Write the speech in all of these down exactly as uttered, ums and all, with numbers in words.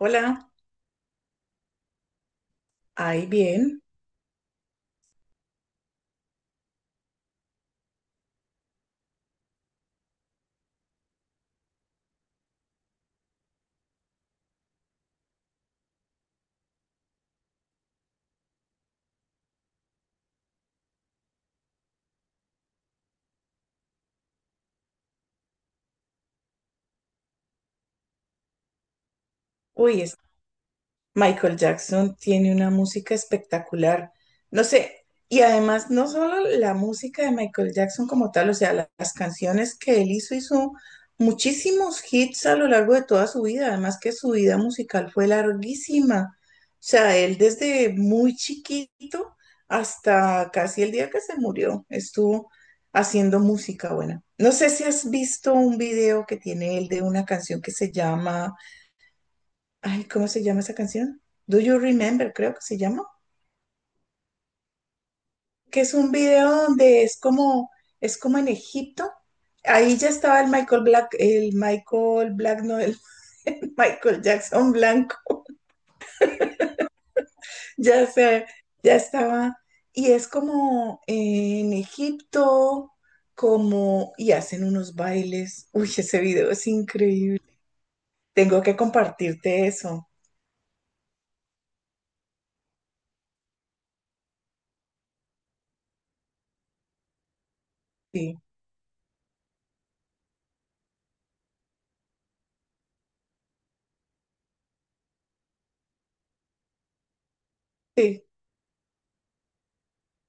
Hola, ahí bien. Uy, es- Michael Jackson tiene una música espectacular. No sé, y además no solo la música de Michael Jackson como tal, o sea, la- las canciones que él hizo, hizo muchísimos hits a lo largo de toda su vida, además que su vida musical fue larguísima. O sea, él desde muy chiquito hasta casi el día que se murió estuvo haciendo música buena. No sé si has visto un video que tiene él de una canción que se llama ay, ¿cómo se llama esa canción? Do You Remember, creo que se llama. Que es un video donde es como, es como en Egipto. Ahí ya estaba el Michael Black, el Michael Black, no, el, el Michael Jackson Blanco. Ya sé, ya estaba. Y es como en Egipto, como, y hacen unos bailes. Uy, ese video es increíble. Tengo que compartirte eso. Sí, sí.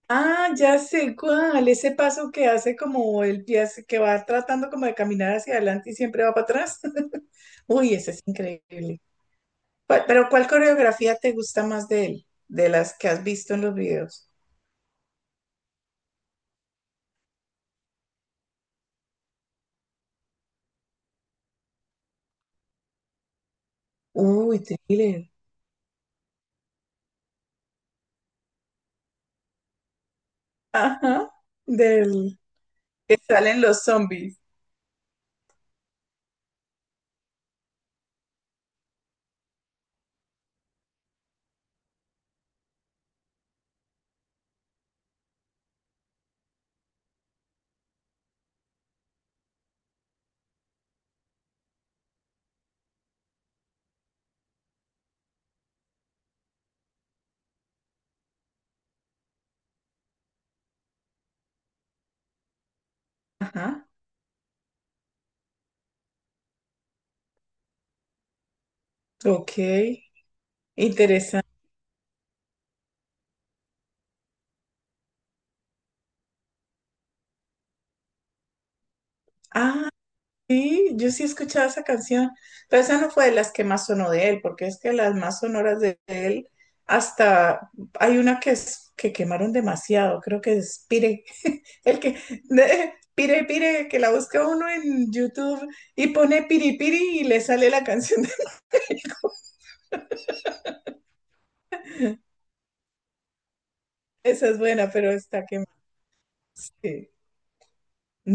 Ah, ya sé cuál, ese paso que hace como el pie, hace- que va tratando como de caminar hacia adelante y siempre va para atrás. Uy, ese es increíble. Pa- Pero ¿cuál coreografía te gusta más de él? De las que has visto en los videos. Uy, Thriller. Ajá, del que salen los zombies. Ajá, ok, interesante. Ah, sí, yo sí escuchaba esa canción, pero esa no fue de las que más sonó de él, porque es que las más sonoras de él, hasta hay una que, es, que quemaron demasiado, creo que es Pire, el que, Pire, Pire, que la busca uno en YouTube y pone Piri Piri y le sale la canción. Esa es buena, pero está que sí.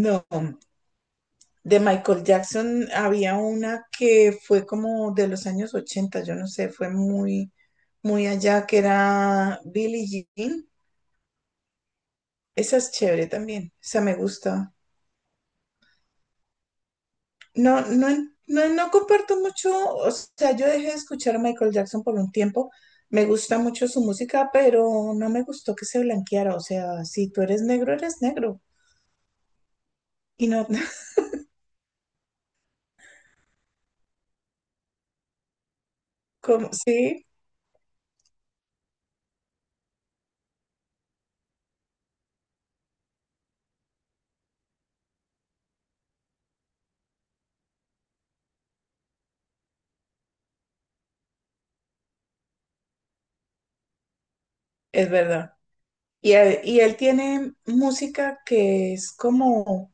No, de Michael Jackson había una que fue como de los años ochenta, yo no sé, fue muy, muy allá, que era Billie Jean. Esa es chévere también, esa me gusta. No, no, en- no, no comparto mucho, o sea, yo dejé de escuchar a Michael Jackson por un tiempo. Me gusta mucho su música, pero no me gustó que se blanqueara. O sea, si tú eres negro, eres negro. Y no, como, sí, es verdad. Y él, y él tiene música que es como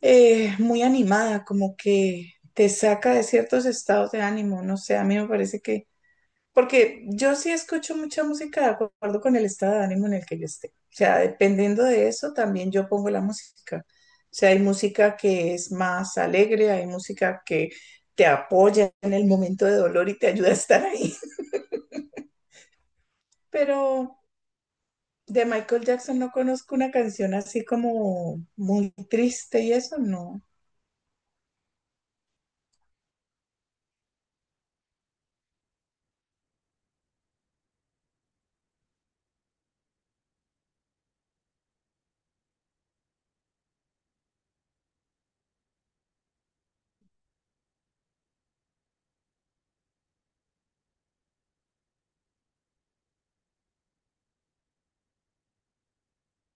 eh, muy animada, como que te saca de ciertos estados de ánimo. No sé, a mí me parece, porque yo sí escucho mucha música de acuerdo con el estado de ánimo en el que yo esté. O sea, dependiendo de eso, también yo pongo la música. O sea, hay música que es más alegre, hay música que te apoya en el momento de dolor y te ayuda a estar ahí. Pero de Michael Jackson no conozco una canción así como muy triste y eso, no.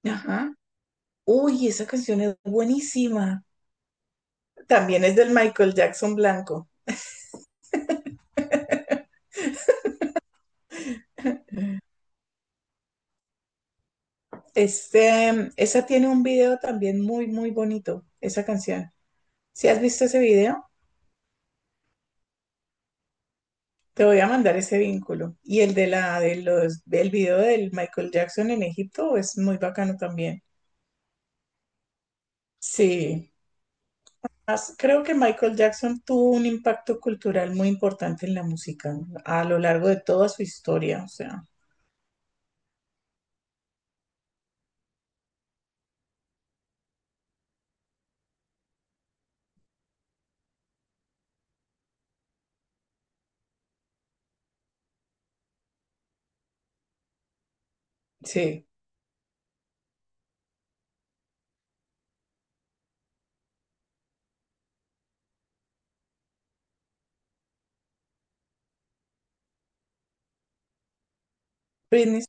Ajá. Uy, esa canción es buenísima. También es del Michael Jackson blanco. Este, esa tiene un video también muy, muy bonito, esa canción. Si has visto ese video, te voy a mandar ese vínculo. Y el de la, de los, del video del Michael Jackson en Egipto es muy bacano también. Sí. As- Creo que Michael Jackson tuvo un impacto cultural muy importante en la música a lo largo de toda su historia, o sea, sí. Britney.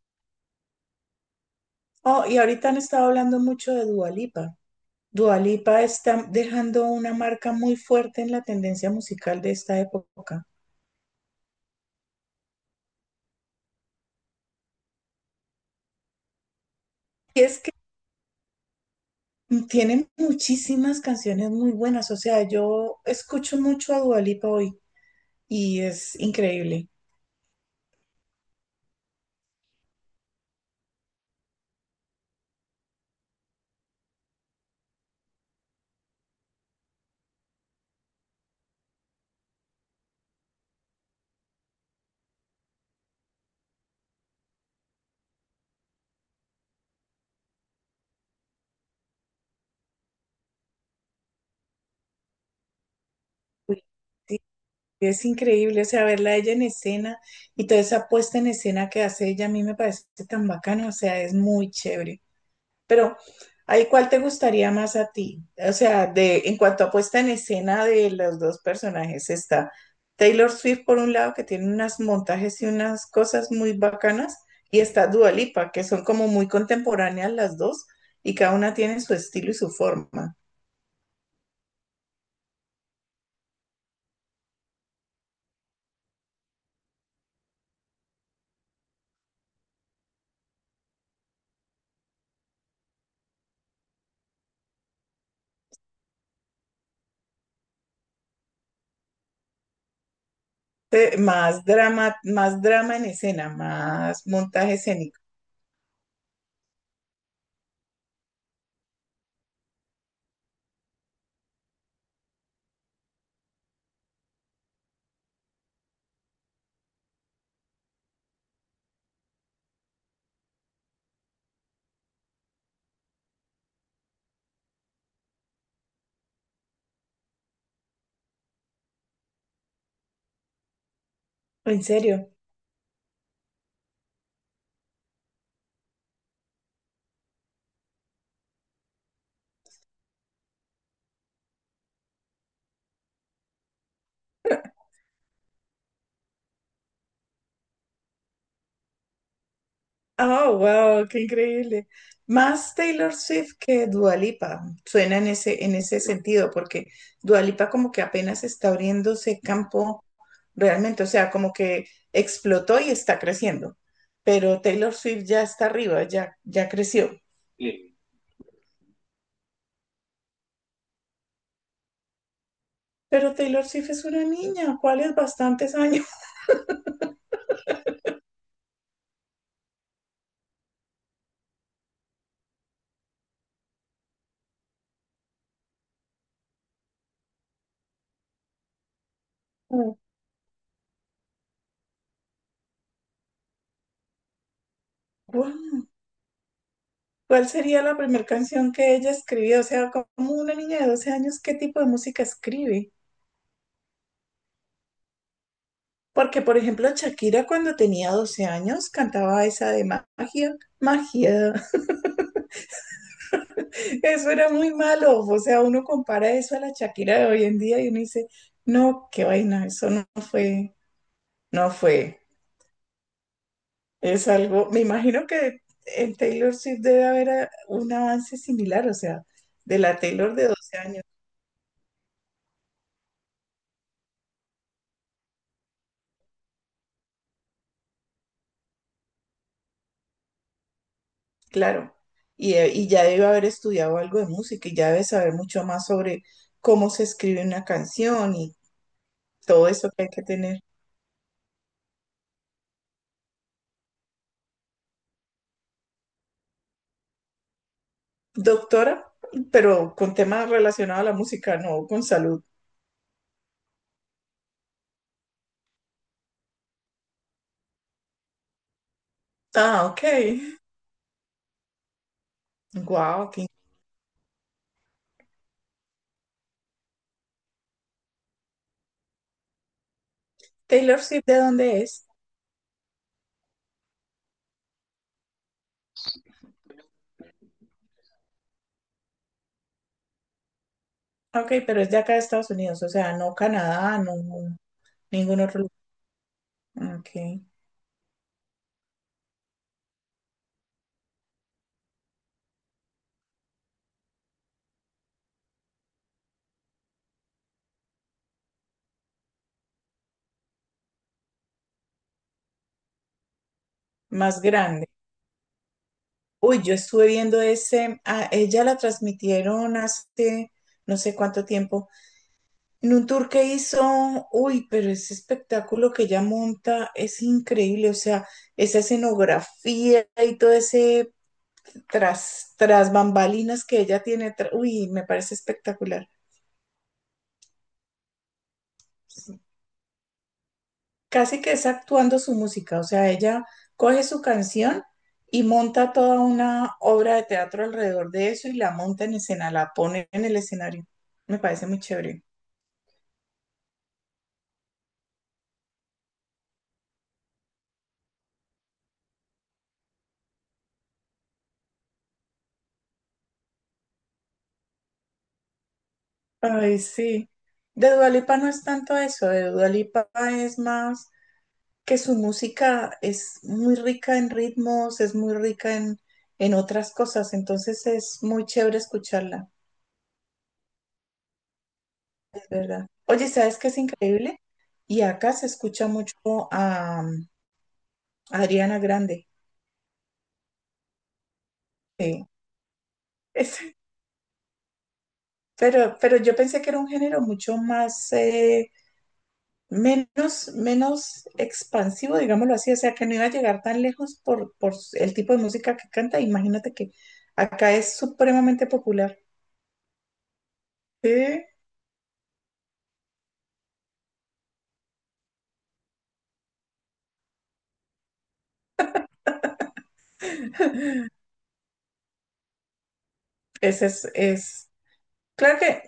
Oh, y ahorita han estado hablando mucho de Dua Lipa. Dua Lipa está dejando una marca muy fuerte en la tendencia musical de esta época. Y es que tiene muchísimas canciones muy buenas, o sea, yo escucho mucho a Dua Lipa hoy y es increíble. Uy, sí, es increíble, o sea, verla a ella en escena y toda esa puesta en escena que hace ella a mí me parece tan bacana, o sea, es muy chévere. Pero ahí, ¿cuál te gustaría más a ti? O sea, de, en cuanto a puesta en escena de los dos personajes, está Taylor Swift por un lado, que tiene unos montajes y unas cosas muy bacanas, y está Dua Lipa, que son como muy contemporáneas las dos, y cada una tiene su estilo y su forma. Te- Más drama, más drama en escena, más montaje escénico. En serio. Oh, wow, qué increíble. Más Taylor Swift que Dua Lipa. Suena en ese, en ese sentido, porque Dua Lipa como que apenas está abriéndose campo realmente, o sea, como que explotó y está creciendo. Pero Taylor Swift ya está arriba, ya, ya creció. Pero Taylor Swift es una niña, ¿cuáles bastantes años? Guau, ¿cuál sería la primera canción que ella escribió? O sea, como una niña de doce años, ¿qué tipo de música escribe? Porque, por ejemplo, Shakira cuando tenía doce años cantaba esa de magia, magia. Eso era muy malo. O sea, uno compara eso a la Shakira de hoy en día y uno dice, no, qué vaina, eso no fue, no fue. Es algo, me imagino que en Taylor Swift debe haber a- un avance similar, o sea, de la Taylor de doce años, claro. Y, eh, y ya debe haber estudiado algo de música y ya debe saber mucho más sobre cómo se escribe una canción y todo eso que hay que tener. Doctora, pero con temas relacionados a la música, no con salud. Ah, ok. Wow, Taylor Swift, ¿de dónde es? Ok, pero es de acá de Estados Unidos, o sea, no Canadá, no ningún otro lugar. Ok, más grande. Uy, yo estuve viendo ese, a ella la transmitieron hace no sé cuánto tiempo, en un tour que hizo, uy, pero ese espectáculo que ella monta es increíble, o sea, esa escenografía y todo ese tras, tras bambalinas que ella tiene. tra- Uy, me parece espectacular. Casi que es actuando su música, o sea, ella coge su canción y monta toda una obra de teatro alrededor de eso y la monta en escena, la pone en el escenario. Me parece muy chévere. Ay, sí. De Dua Lipa no es tanto eso, de Dua Lipa es más que su música es muy rica en ritmos, es muy rica en, en otras cosas, entonces es muy chévere escucharla. De verdad. Oye, ¿sabes qué es increíble? Y acá se escucha mucho a, a Ariana Grande. Sí. Es- pero, pero yo pensé que era un género mucho más, eh, menos, menos expansivo, digámoslo así, o sea, que no iba a llegar tan lejos por, por el tipo de música que canta. Imagínate que acá es supremamente popular. Sí, ese es, es claro que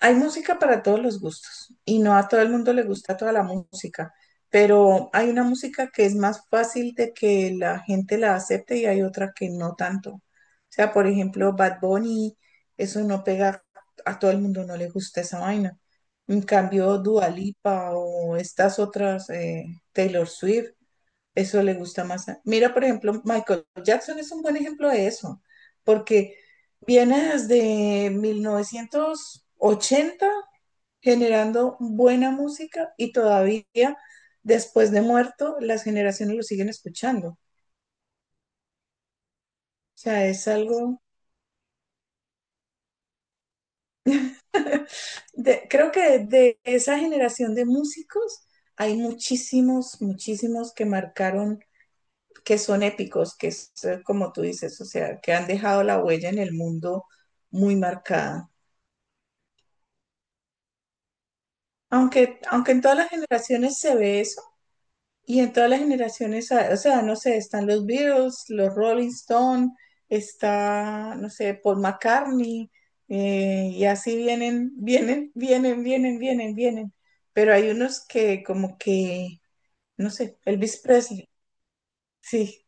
hay música para todos los gustos y no a todo el mundo le gusta toda la música, pero hay una música que es más fácil de que la gente la acepte y hay otra que no tanto. O sea, por ejemplo, Bad Bunny, eso no pega, a todo el mundo no le gusta esa vaina. En cambio, Dua Lipa o estas otras, eh, Taylor Swift, eso le gusta más. a- Mira, por ejemplo, Michael Jackson es un buen ejemplo de eso, porque viene desde mil novecientos ochenta generando buena música y todavía después de muerto las generaciones lo siguen escuchando. O sea, es algo, de- creo que de esa generación de músicos hay muchísimos, muchísimos que marcaron, que son épicos, que es eh, como tú dices, o sea, que han dejado la huella en el mundo muy marcada. Aunque, aunque en todas las generaciones se ve eso, y en todas las generaciones, ah, o sea, no sé, están los Beatles, los Rolling Stones, está, no sé, Paul McCartney, eh, y así vienen, vienen, vienen, vienen, vienen, vienen. Pero hay unos que como que, no sé, Elvis Presley, sí,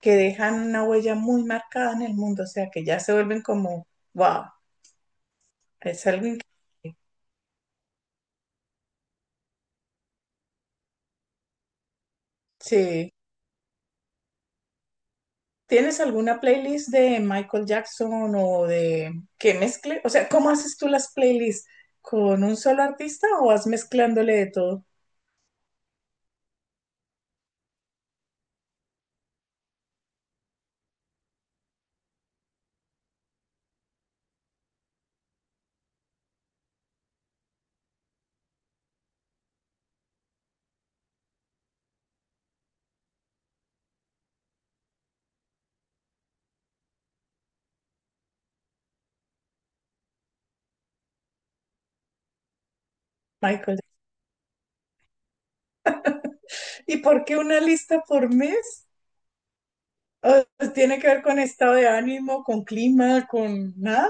que dejan una huella muy marcada en el mundo, o sea, que ya se vuelven como, wow, es algo increíble. Sí. ¿Tienes alguna playlist de Michael Jackson o de que mezcle? O sea, ¿cómo haces tú las playlists? ¿Con un solo artista o vas mezclándole de todo, Michael? Jackson? ¿Y por qué una lista por mes? ¿O tiene que ver con estado de ánimo, con clima, con nada?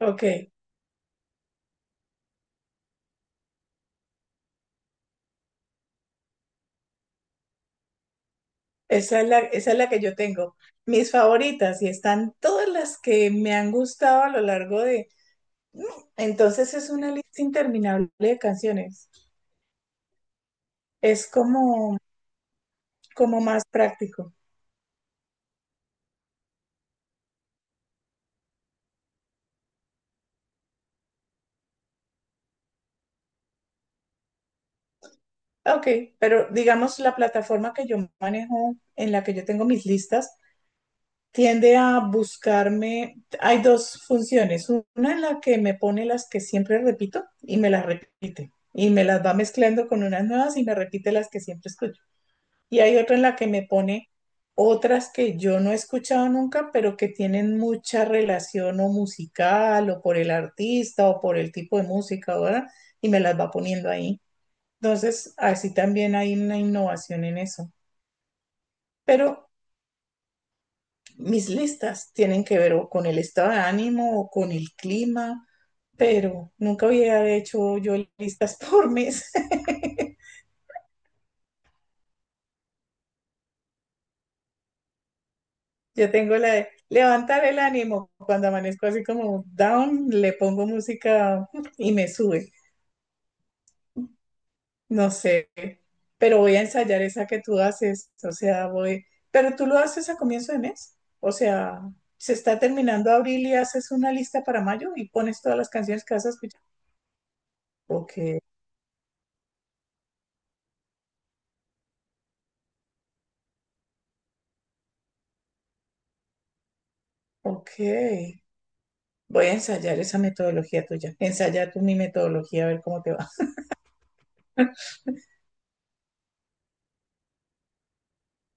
Ok, esa es la, esa es la que yo tengo. Mis favoritas y están todas las que me han gustado a lo largo de... Entonces es una lista interminable de canciones. Es como, como más práctico. Ok, pero digamos la plataforma que yo manejo, en la que yo tengo mis listas, tiende a buscarme, hay dos funciones, una en la que me pone las que siempre repito y me las repite, y me las va mezclando con unas nuevas y me repite las que siempre escucho. Y hay otra en la que me pone otras que yo no he escuchado nunca, pero que tienen mucha relación o musical o por el artista o por el tipo de música, ¿verdad? Y me las va poniendo ahí. Entonces, así también hay una innovación en eso. Pero mis listas tienen que ver o con el estado de ánimo o con el clima, pero nunca había hecho yo listas por mes. Yo tengo la de levantar el ánimo. Cuando amanezco así como down, le pongo música y me sube. No sé, pero voy a ensayar esa que tú haces, o sea, voy, pero tú lo haces a comienzo de mes, o sea, se está terminando abril y haces una lista para mayo y pones todas las canciones que vas a escuchar. Ok, ok, voy a ensayar esa metodología tuya, ensaya tú mi metodología a ver cómo te va.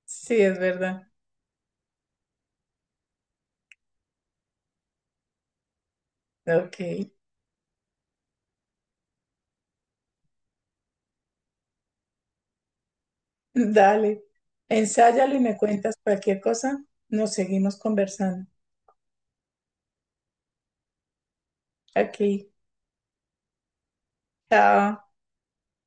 Sí, es verdad, ok, dale, ensáyalo y me cuentas cualquier cosa, nos seguimos conversando. Aquí, chao.